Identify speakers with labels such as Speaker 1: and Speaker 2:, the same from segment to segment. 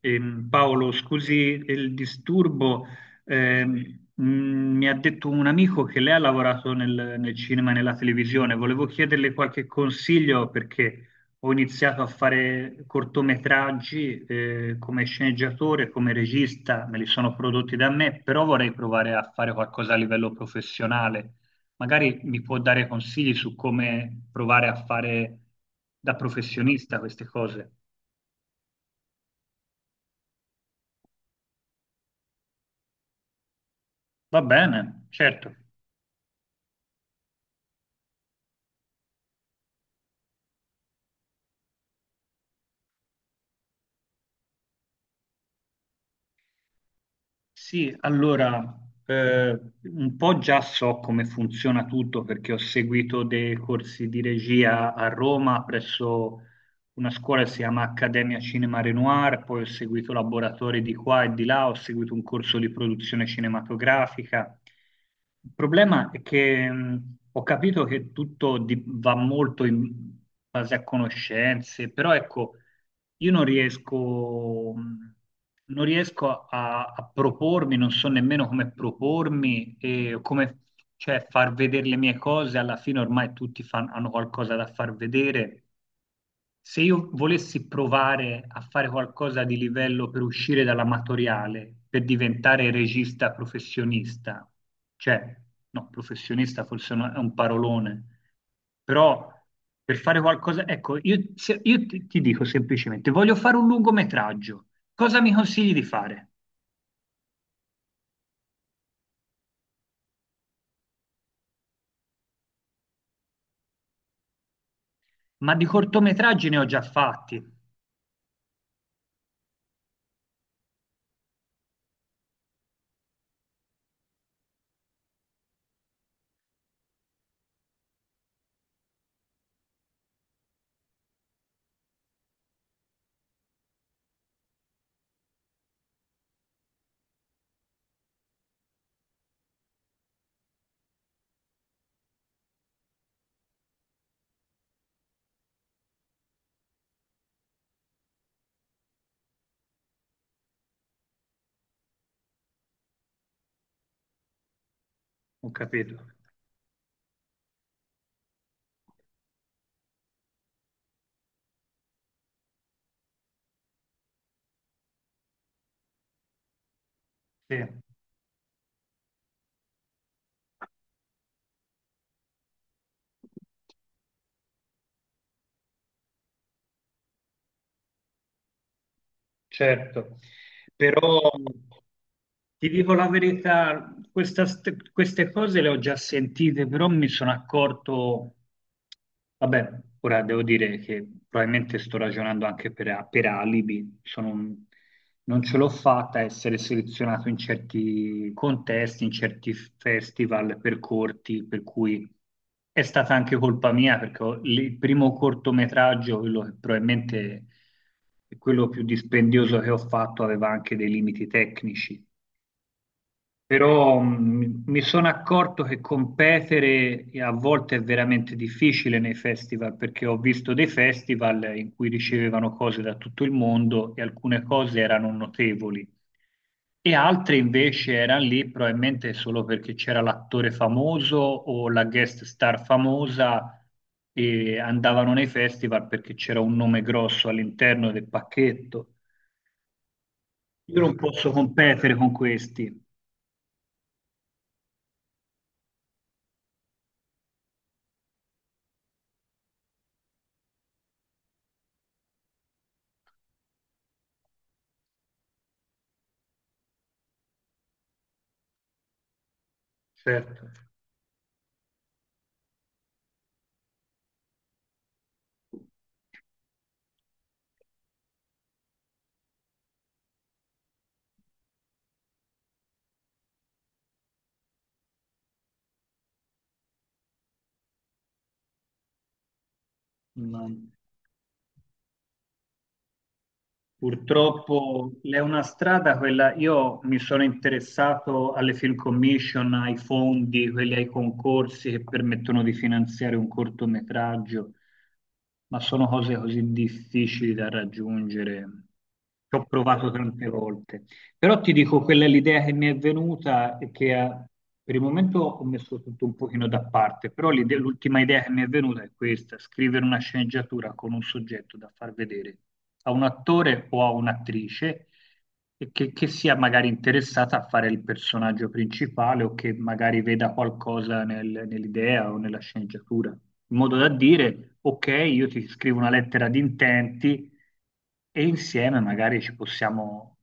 Speaker 1: Paolo, scusi il disturbo, ehm, mi ha detto un amico che lei ha lavorato nel cinema e nella televisione. Volevo chiederle qualche consiglio perché ho iniziato a fare cortometraggi, come sceneggiatore, come regista, me li sono prodotti da me, però vorrei provare a fare qualcosa a livello professionale. Magari mi può dare consigli su come provare a fare da professionista queste cose. Va bene, certo. Sì, allora, un po' già so come funziona tutto perché ho seguito dei corsi di regia a Roma presso una scuola che si chiama Accademia Cinema Renoir, poi ho seguito laboratori di qua e di là, ho seguito un corso di produzione cinematografica. Il problema è che ho capito che va molto in base a conoscenze, però ecco, io non riesco, non riesco a propormi, non so nemmeno come propormi e come, cioè, far vedere le mie cose. Alla fine ormai hanno qualcosa da far vedere. Se io volessi provare a fare qualcosa di livello per uscire dall'amatoriale, per diventare regista professionista, cioè, no, professionista forse no- è un parolone, però per fare qualcosa, ecco, io, se- io ti dico semplicemente, voglio fare un lungometraggio. Cosa mi consigli di fare? Ma di cortometraggi ne ho già fatti. Ho capito. Sì, certo. Però. Ti dico la verità, queste cose le ho già sentite, però mi sono accorto, vabbè, ora devo dire che probabilmente sto ragionando anche per alibi, non ce l'ho fatta a essere selezionato in certi contesti, in certi festival per corti, per cui è stata anche colpa mia, il primo cortometraggio, quello che probabilmente è quello più dispendioso che ho fatto, aveva anche dei limiti tecnici. Però mi sono accorto che competere a volte è veramente difficile nei festival, perché ho visto dei festival in cui ricevevano cose da tutto il mondo e alcune cose erano notevoli e altre invece erano lì probabilmente solo perché c'era l'attore famoso o la guest star famosa e andavano nei festival perché c'era un nome grosso all'interno del pacchetto. Io non posso competere con questi, certo. No. Purtroppo è una strada quella, io mi sono interessato alle film commission, ai fondi, quelli ai concorsi che permettono di finanziare un cortometraggio, ma sono cose così difficili da raggiungere. Ci ho provato tante volte. Però ti dico, quella è l'idea che mi è venuta e che per il momento ho messo tutto un pochino da parte, però l'ultima idea che mi è venuta è questa: scrivere una sceneggiatura con un soggetto da far vedere a un attore o a un'attrice e che sia magari interessata a fare il personaggio principale o che magari veda qualcosa nell'idea o nella sceneggiatura, in modo da dire, ok, io ti scrivo una lettera di intenti e insieme magari ci possiamo...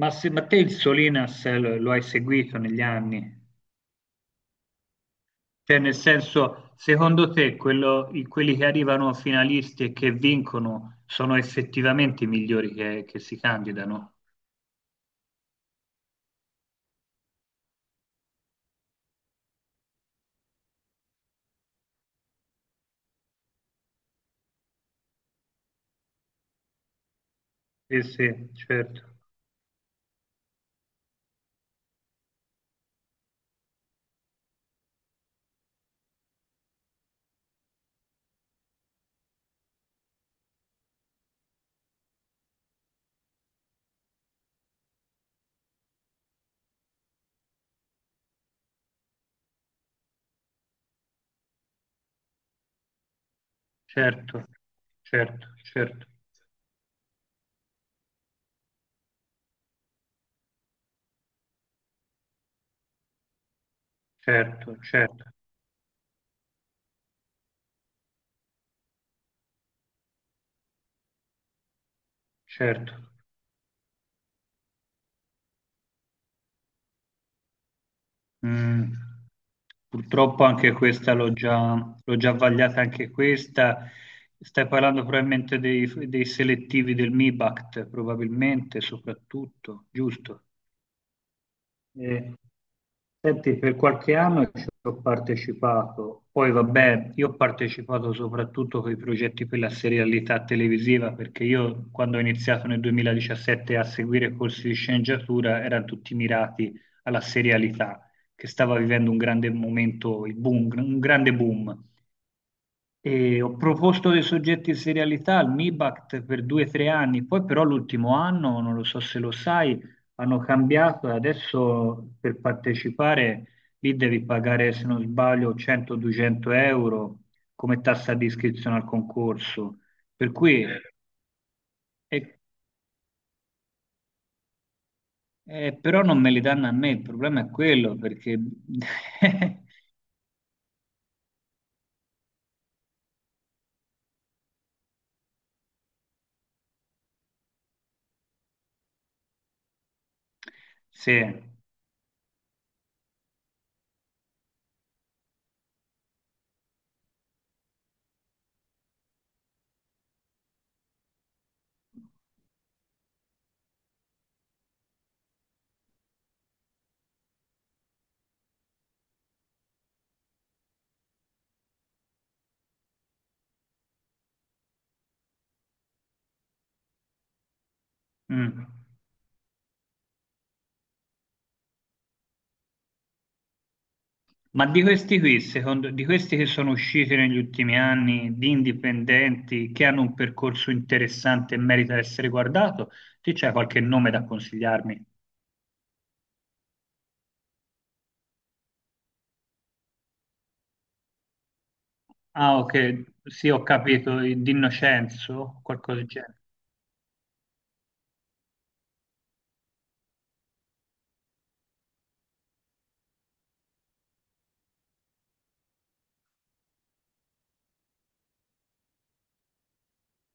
Speaker 1: Ma, se, ma te il Solinas lo hai seguito negli anni? Cioè, nel senso, secondo te quelli che arrivano finalisti e che vincono sono effettivamente i migliori che si candidano? Sì, sì, certo, certo, certo, certo, certo, certo, certo. Mm, purtroppo anche questa l'ho già vagliata anche questa. Stai parlando probabilmente dei selettivi del MIBACT, probabilmente, soprattutto, giusto? Eh, Senti, per qualche anno ci ho partecipato, poi vabbè, io ho partecipato soprattutto con i progetti per la serialità televisiva, perché io quando ho iniziato nel 2017 a seguire corsi di sceneggiatura erano tutti mirati alla serialità, che stava vivendo un grande momento, il boom, un grande boom. E ho proposto dei soggetti in serialità al MIBACT per 2 o 3 anni, poi però l'ultimo anno, non lo so se lo sai, hanno cambiato e adesso per partecipare lì devi pagare, se non sbaglio, 100-200 euro come tassa di iscrizione al concorso. Per cui, Eh, e- però non me li danno a me, il problema è quello perché... Sì. Mm. Ma di questi qui, secondo, di questi che sono usciti negli ultimi anni, di indipendenti, che hanno un percorso interessante e merita di essere guardato, ti c'è qualche nome da consigliarmi? Ah, ok, sì, ho capito, di Innocenzo, qualcosa del genere.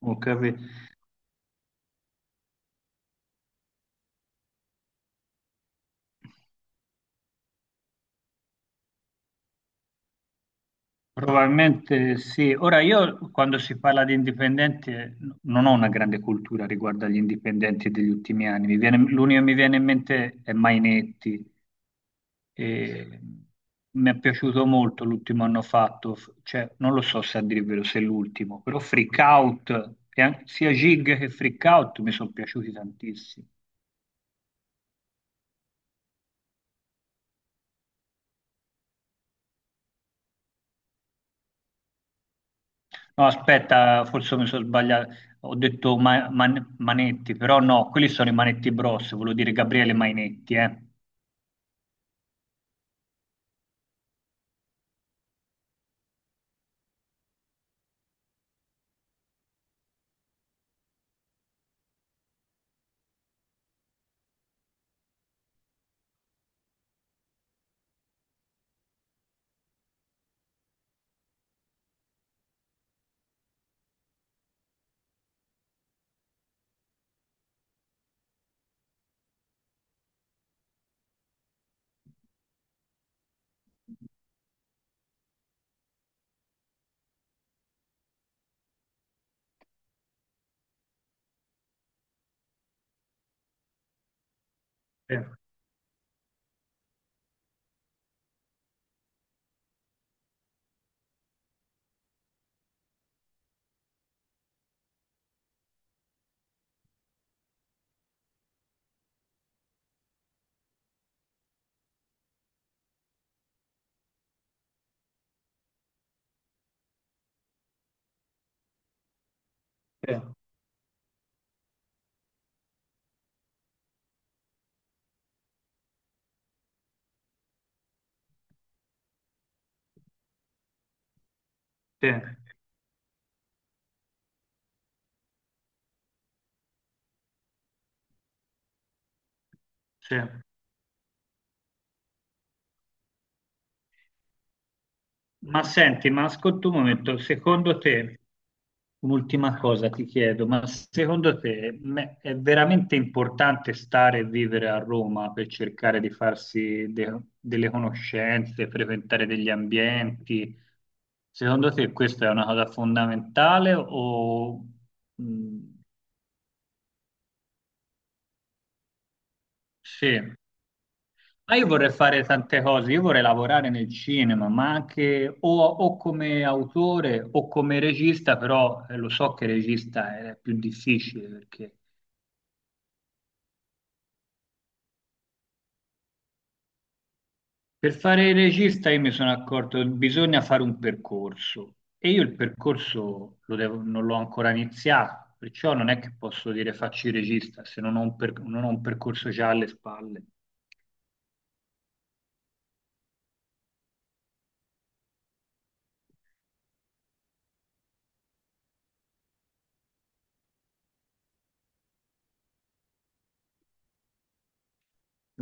Speaker 1: Ho capito. Probabilmente sì. Ora io quando si parla di indipendenti non ho una grande cultura riguardo agli indipendenti degli ultimi anni. L'unico che mi viene in mente è Mainetti. E mi è piaciuto molto l'ultimo hanno fatto, cioè, non lo so se a dire il vero se è l'ultimo, però Freak Out, e sia Jig che Freak Out mi sono piaciuti tantissimo. No, aspetta, forse mi sono sbagliato, ho detto Manetti, però no, quelli sono i Manetti Bros, volevo dire Gabriele Mainetti, eh. Sì, sì, sì, sì. Ma senti, ma ascolta un momento, secondo te... Un'ultima cosa ti chiedo, ma secondo te è veramente importante stare e vivere a Roma per cercare di farsi delle conoscenze, frequentare degli ambienti? Secondo te questa è una cosa fondamentale o mh, sì? Ma io vorrei fare tante cose, io vorrei lavorare nel cinema, ma anche o come autore o come regista, però lo so che regista è più difficile perché... Per fare il regista io mi sono accorto che bisogna fare un percorso e io il percorso lo non l'ho ancora iniziato, perciò non è che posso dire faccio il regista se non ho un, non ho un percorso già alle spalle.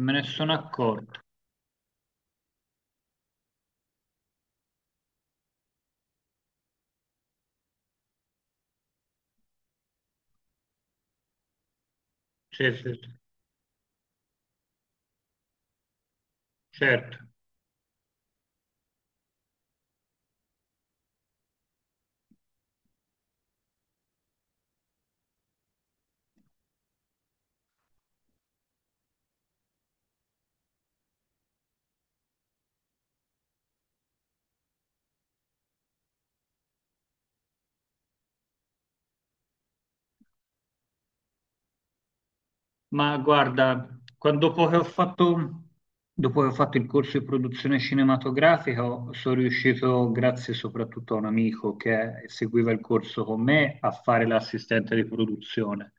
Speaker 1: Me ne sono accorto. Sì, sì, sì, certo. Ma guarda, quando- dopo che ho fatto, dopo che ho fatto il corso di produzione cinematografica, sono riuscito, grazie soprattutto a un amico che seguiva il corso con me, a fare l'assistente di produzione.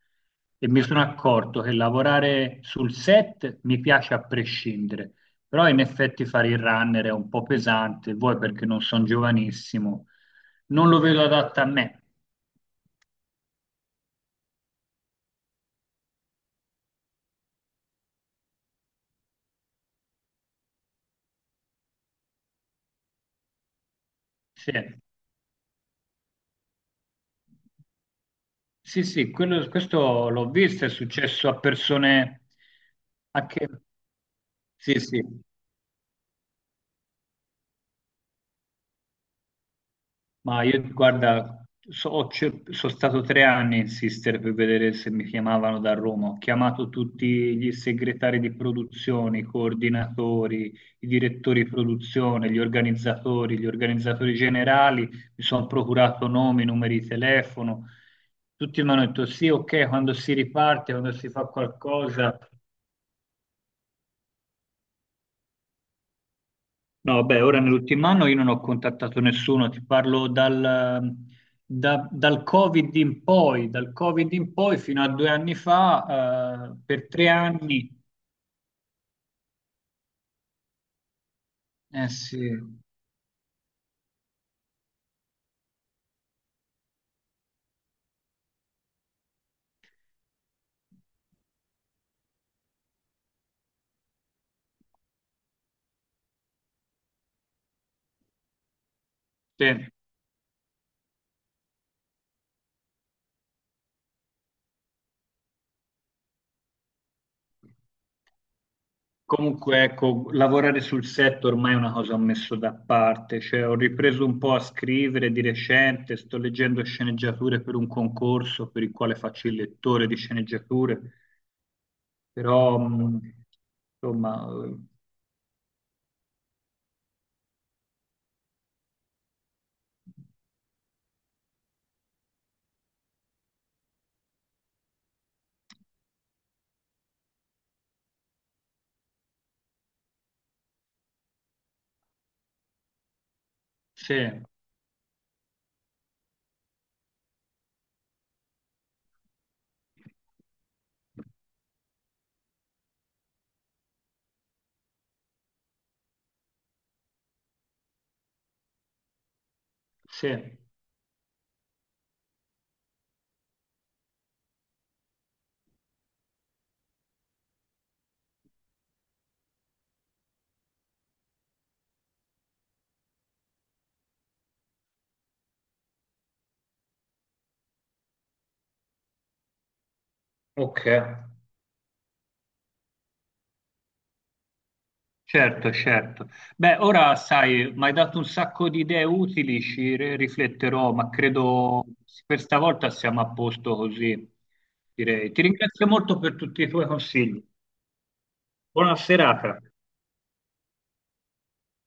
Speaker 1: E mi sono accorto che lavorare sul set mi piace a prescindere, però in effetti fare il runner è un po' pesante, vuoi perché non sono giovanissimo, non lo vedo adatto a me. Sì. Sì, sì, questo l'ho visto, è successo a persone a che... Sì, sì, ma io guarda, sono stato 3 anni a insistere per vedere se mi chiamavano da Roma, ho chiamato tutti gli segretari di produzione, i coordinatori, i direttori di produzione, gli organizzatori generali, mi sono procurato nomi, numeri di telefono, tutti mi hanno detto sì, ok, quando si riparte, quando si fa qualcosa... No, beh, ora nell'ultimo anno io non ho contattato nessuno, ti parlo dal, dal Covid in poi, dal Covid in poi fino a 2 anni fa, per 3 anni, eh sì, sì. Comunque ecco, lavorare sul set ormai è una cosa che ho messo da parte, cioè ho ripreso un po' a scrivere di recente, sto leggendo sceneggiature per un concorso per il quale faccio il lettore di sceneggiature, però insomma, sì. Sì, ok, certo, certo. Beh, ora sai, mi hai dato un sacco di idee utili, rifletterò, ma credo per stavolta siamo a posto così, direi. Ti ringrazio molto per tutti i tuoi consigli. Buona serata.